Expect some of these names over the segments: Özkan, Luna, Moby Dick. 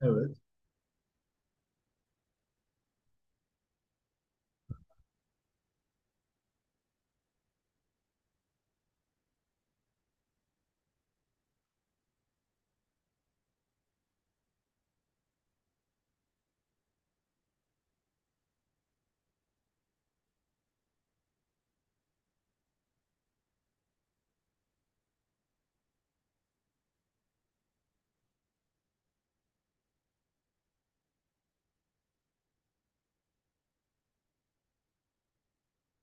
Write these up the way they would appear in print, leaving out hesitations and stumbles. Evet,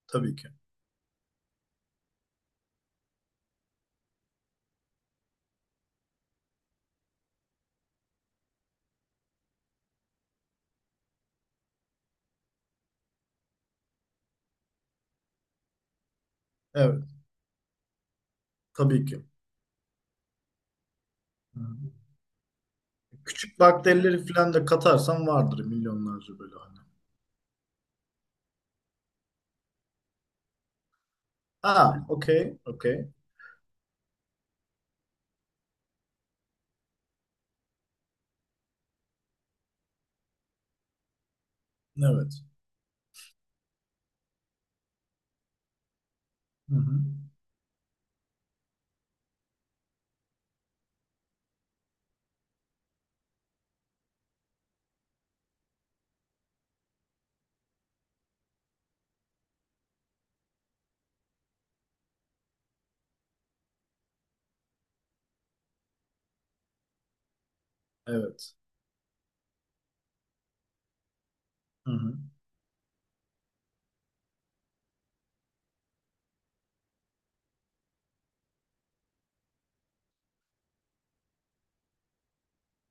tabii ki. Evet, tabii ki. Hı. Küçük bakterileri falan da katarsan vardır milyonlarca böyle hani. Ha, okey, okey. Evet. Hı hı. Evet. Hı hı.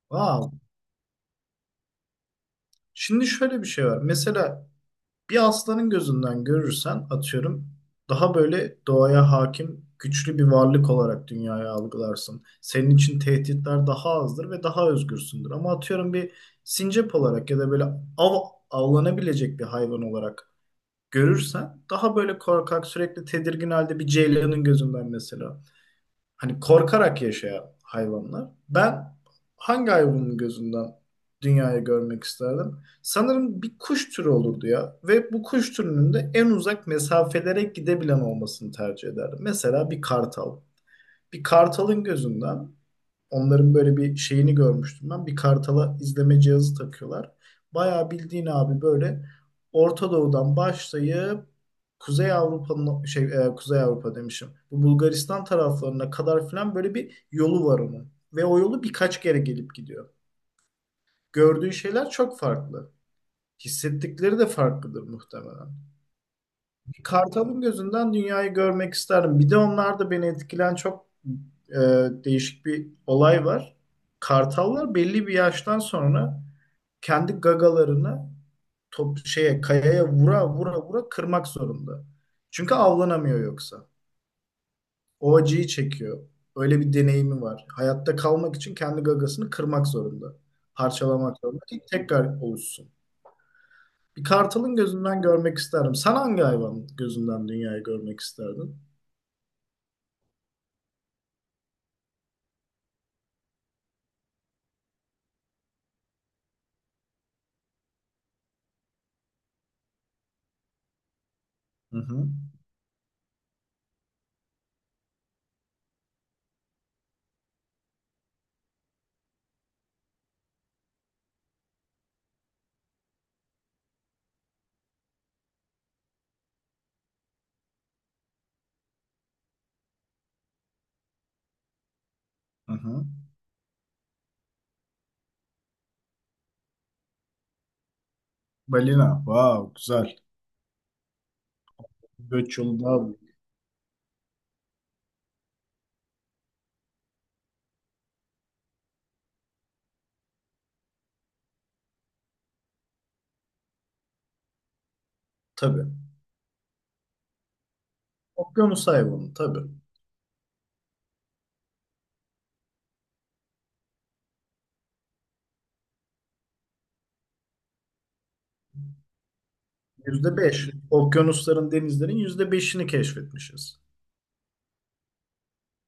Wow. Şimdi şöyle bir şey var. Mesela bir aslanın gözünden görürsen atıyorum daha böyle doğaya hakim, güçlü bir varlık olarak dünyaya algılarsın. Senin için tehditler daha azdır ve daha özgürsündür. Ama atıyorum bir sincap olarak ya da böyle av avlanabilecek bir hayvan olarak görürsen daha böyle korkak sürekli tedirgin halde bir ceylanın gözünden mesela. Hani korkarak yaşayan hayvanlar. Ben hangi hayvanın gözünden dünyayı görmek isterdim? Sanırım bir kuş türü olurdu ya ve bu kuş türünün de en uzak mesafelere gidebilen olmasını tercih ederdim. Mesela bir kartal. Bir kartalın gözünden, onların böyle bir şeyini görmüştüm ben. Bir kartala izleme cihazı takıyorlar. Bayağı bildiğin abi böyle Orta Doğu'dan başlayıp Kuzey Avrupa'nın Kuzey Avrupa demişim. Bu Bulgaristan taraflarına kadar filan böyle bir yolu var onun. Ve o yolu birkaç kere gelip gidiyor. Gördüğü şeyler çok farklı. Hissettikleri de farklıdır muhtemelen. Kartal'ın gözünden dünyayı görmek isterdim. Bir de onlarda beni etkilen çok e, değişik bir olay var. Kartallar belli bir yaştan sonra kendi gagalarını top şeye kayaya vura vura vura kırmak zorunda. Çünkü avlanamıyor yoksa. O acıyı çekiyor. Öyle bir deneyimi var. Hayatta kalmak için kendi gagasını kırmak zorunda. Parçalamak zorunda ki tekrar oluşsun. Bir kartalın gözünden görmek isterdim. Sen hangi hayvanın gözünden dünyayı görmek isterdin? Hı hı. Hı hı. Balina. Wow, güzel. Göç yolu daha büyük. Tabii. Okyanus hayvanı tabii. Yüzde beş. Okyanusların, denizlerin yüzde beşini keşfetmişiz.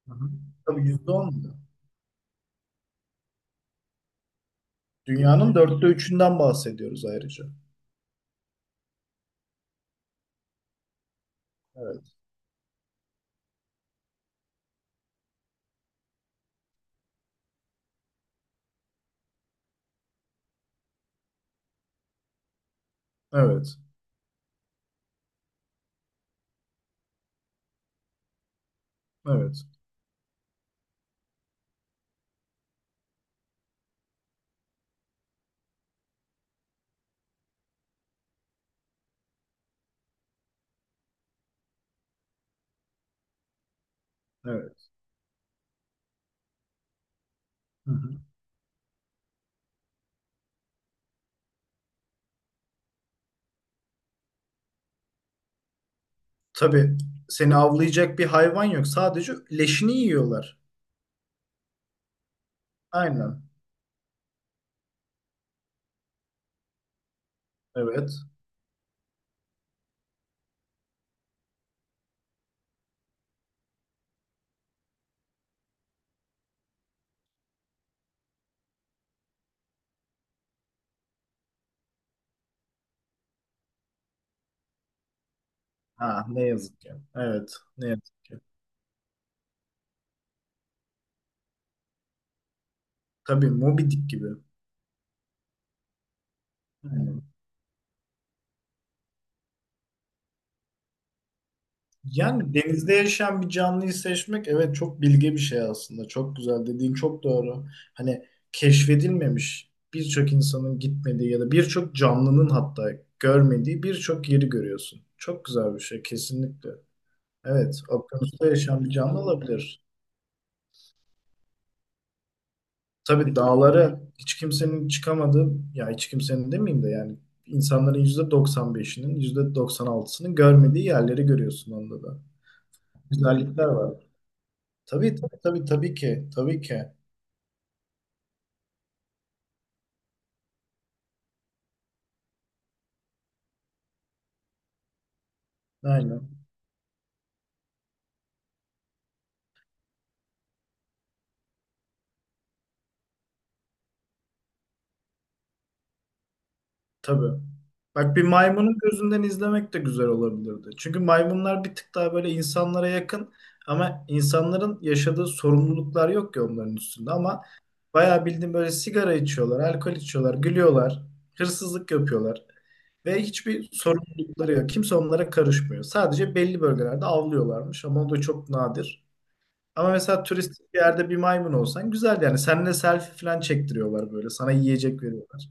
Hı hı. Tabii yüzde on mu? Dünyanın dörtte üçünden bahsediyoruz ayrıca. Evet. Evet. Evet. Evet. Hı hı. Tabii, seni avlayacak bir hayvan yok. Sadece leşini yiyorlar. Aynen. Evet. Ha, ne yazık ki. Evet. Ne yazık ki. Tabii Moby Dick gibi. Aynen. Yani denizde yaşayan bir canlıyı seçmek, evet, çok bilge bir şey aslında. Çok güzel, dediğin çok doğru. Hani keşfedilmemiş birçok insanın gitmediği ya da birçok canlının hatta görmediği birçok yeri görüyorsun. Çok güzel bir şey kesinlikle. Evet, okyanusta yaşayan bir canlı olabilir. Tabii dağlara hiç kimsenin çıkamadığı, ya hiç kimsenin demeyeyim de yani insanların %95'inin, %96'sının görmediği yerleri görüyorsun onda da. Güzellikler var. Tabii tabii tabii tabii ki. Tabii ki. Aynen. Tabii. Bak, bir maymunun gözünden izlemek de güzel olabilirdi. Çünkü maymunlar bir tık daha böyle insanlara yakın ama insanların yaşadığı sorumluluklar yok ki onların üstünde ama bayağı bildiğin böyle sigara içiyorlar, alkol içiyorlar, gülüyorlar, hırsızlık yapıyorlar ve hiçbir sorumlulukları yok. Kimse onlara karışmıyor. Sadece belli bölgelerde avlıyorlarmış ama o da çok nadir. Ama mesela turistik bir yerde bir maymun olsan güzel yani. Seninle selfie falan çektiriyorlar böyle. Sana yiyecek veriyorlar.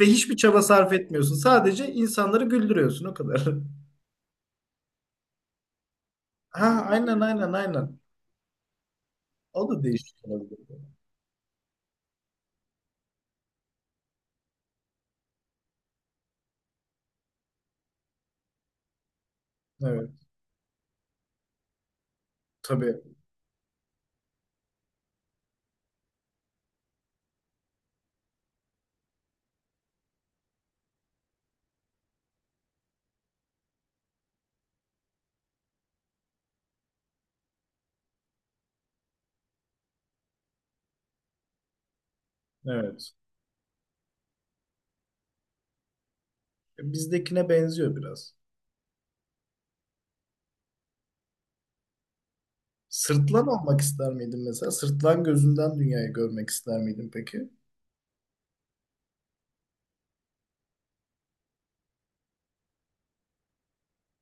Ve hiçbir çaba sarf etmiyorsun. Sadece insanları güldürüyorsun o kadar. Ha, aynen aynen aynen. O da değişik olabilir. Evet, tabii, evet. Bizdekine benziyor biraz. Sırtlan olmak ister miydin mesela? Sırtlan gözünden dünyayı görmek ister miydin peki?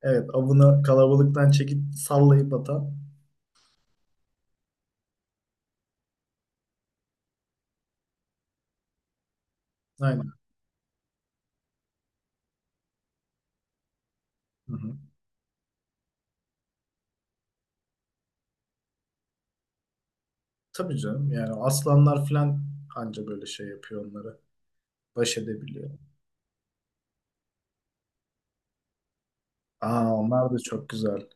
Evet, avını kalabalıktan çekip sallayıp atan. Aynen. Hı hı. Tabii canım, yani aslanlar falan anca böyle şey yapıyor onlara, baş edebiliyor. Aa, onlar da çok güzel.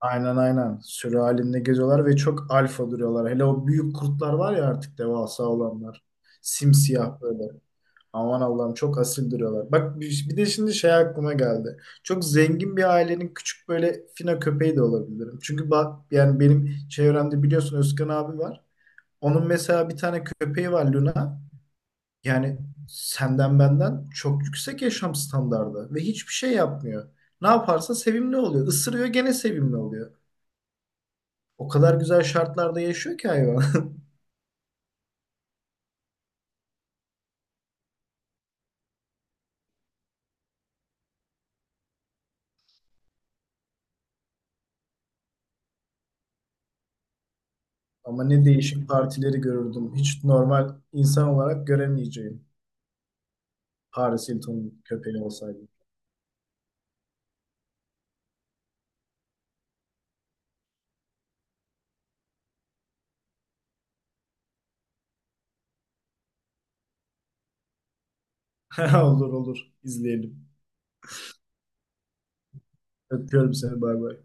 Aynen aynen. Sürü halinde geziyorlar ve çok alfa duruyorlar. Hele o büyük kurtlar var ya, artık devasa olanlar. Simsiyah böyle. Aman Allah'ım çok asil duruyorlar. Bak, bir de şimdi şey aklıma geldi. Çok zengin bir ailenin küçük böyle fino köpeği de olabilirim. Çünkü bak, yani benim çevremde biliyorsun Özkan abi var. Onun mesela bir tane köpeği var, Luna. Yani senden benden çok yüksek yaşam standardı ve hiçbir şey yapmıyor. Ne yaparsa sevimli oluyor. Isırıyor, gene sevimli oluyor. O kadar güzel şartlarda yaşıyor ki hayvan. Ama ne değişik partileri görürdüm. Hiç normal insan olarak göremeyeceğim. Paris Hilton'un köpeği olsaydı. Olur olur. İzleyelim. Öpüyorum seni. Bay bay.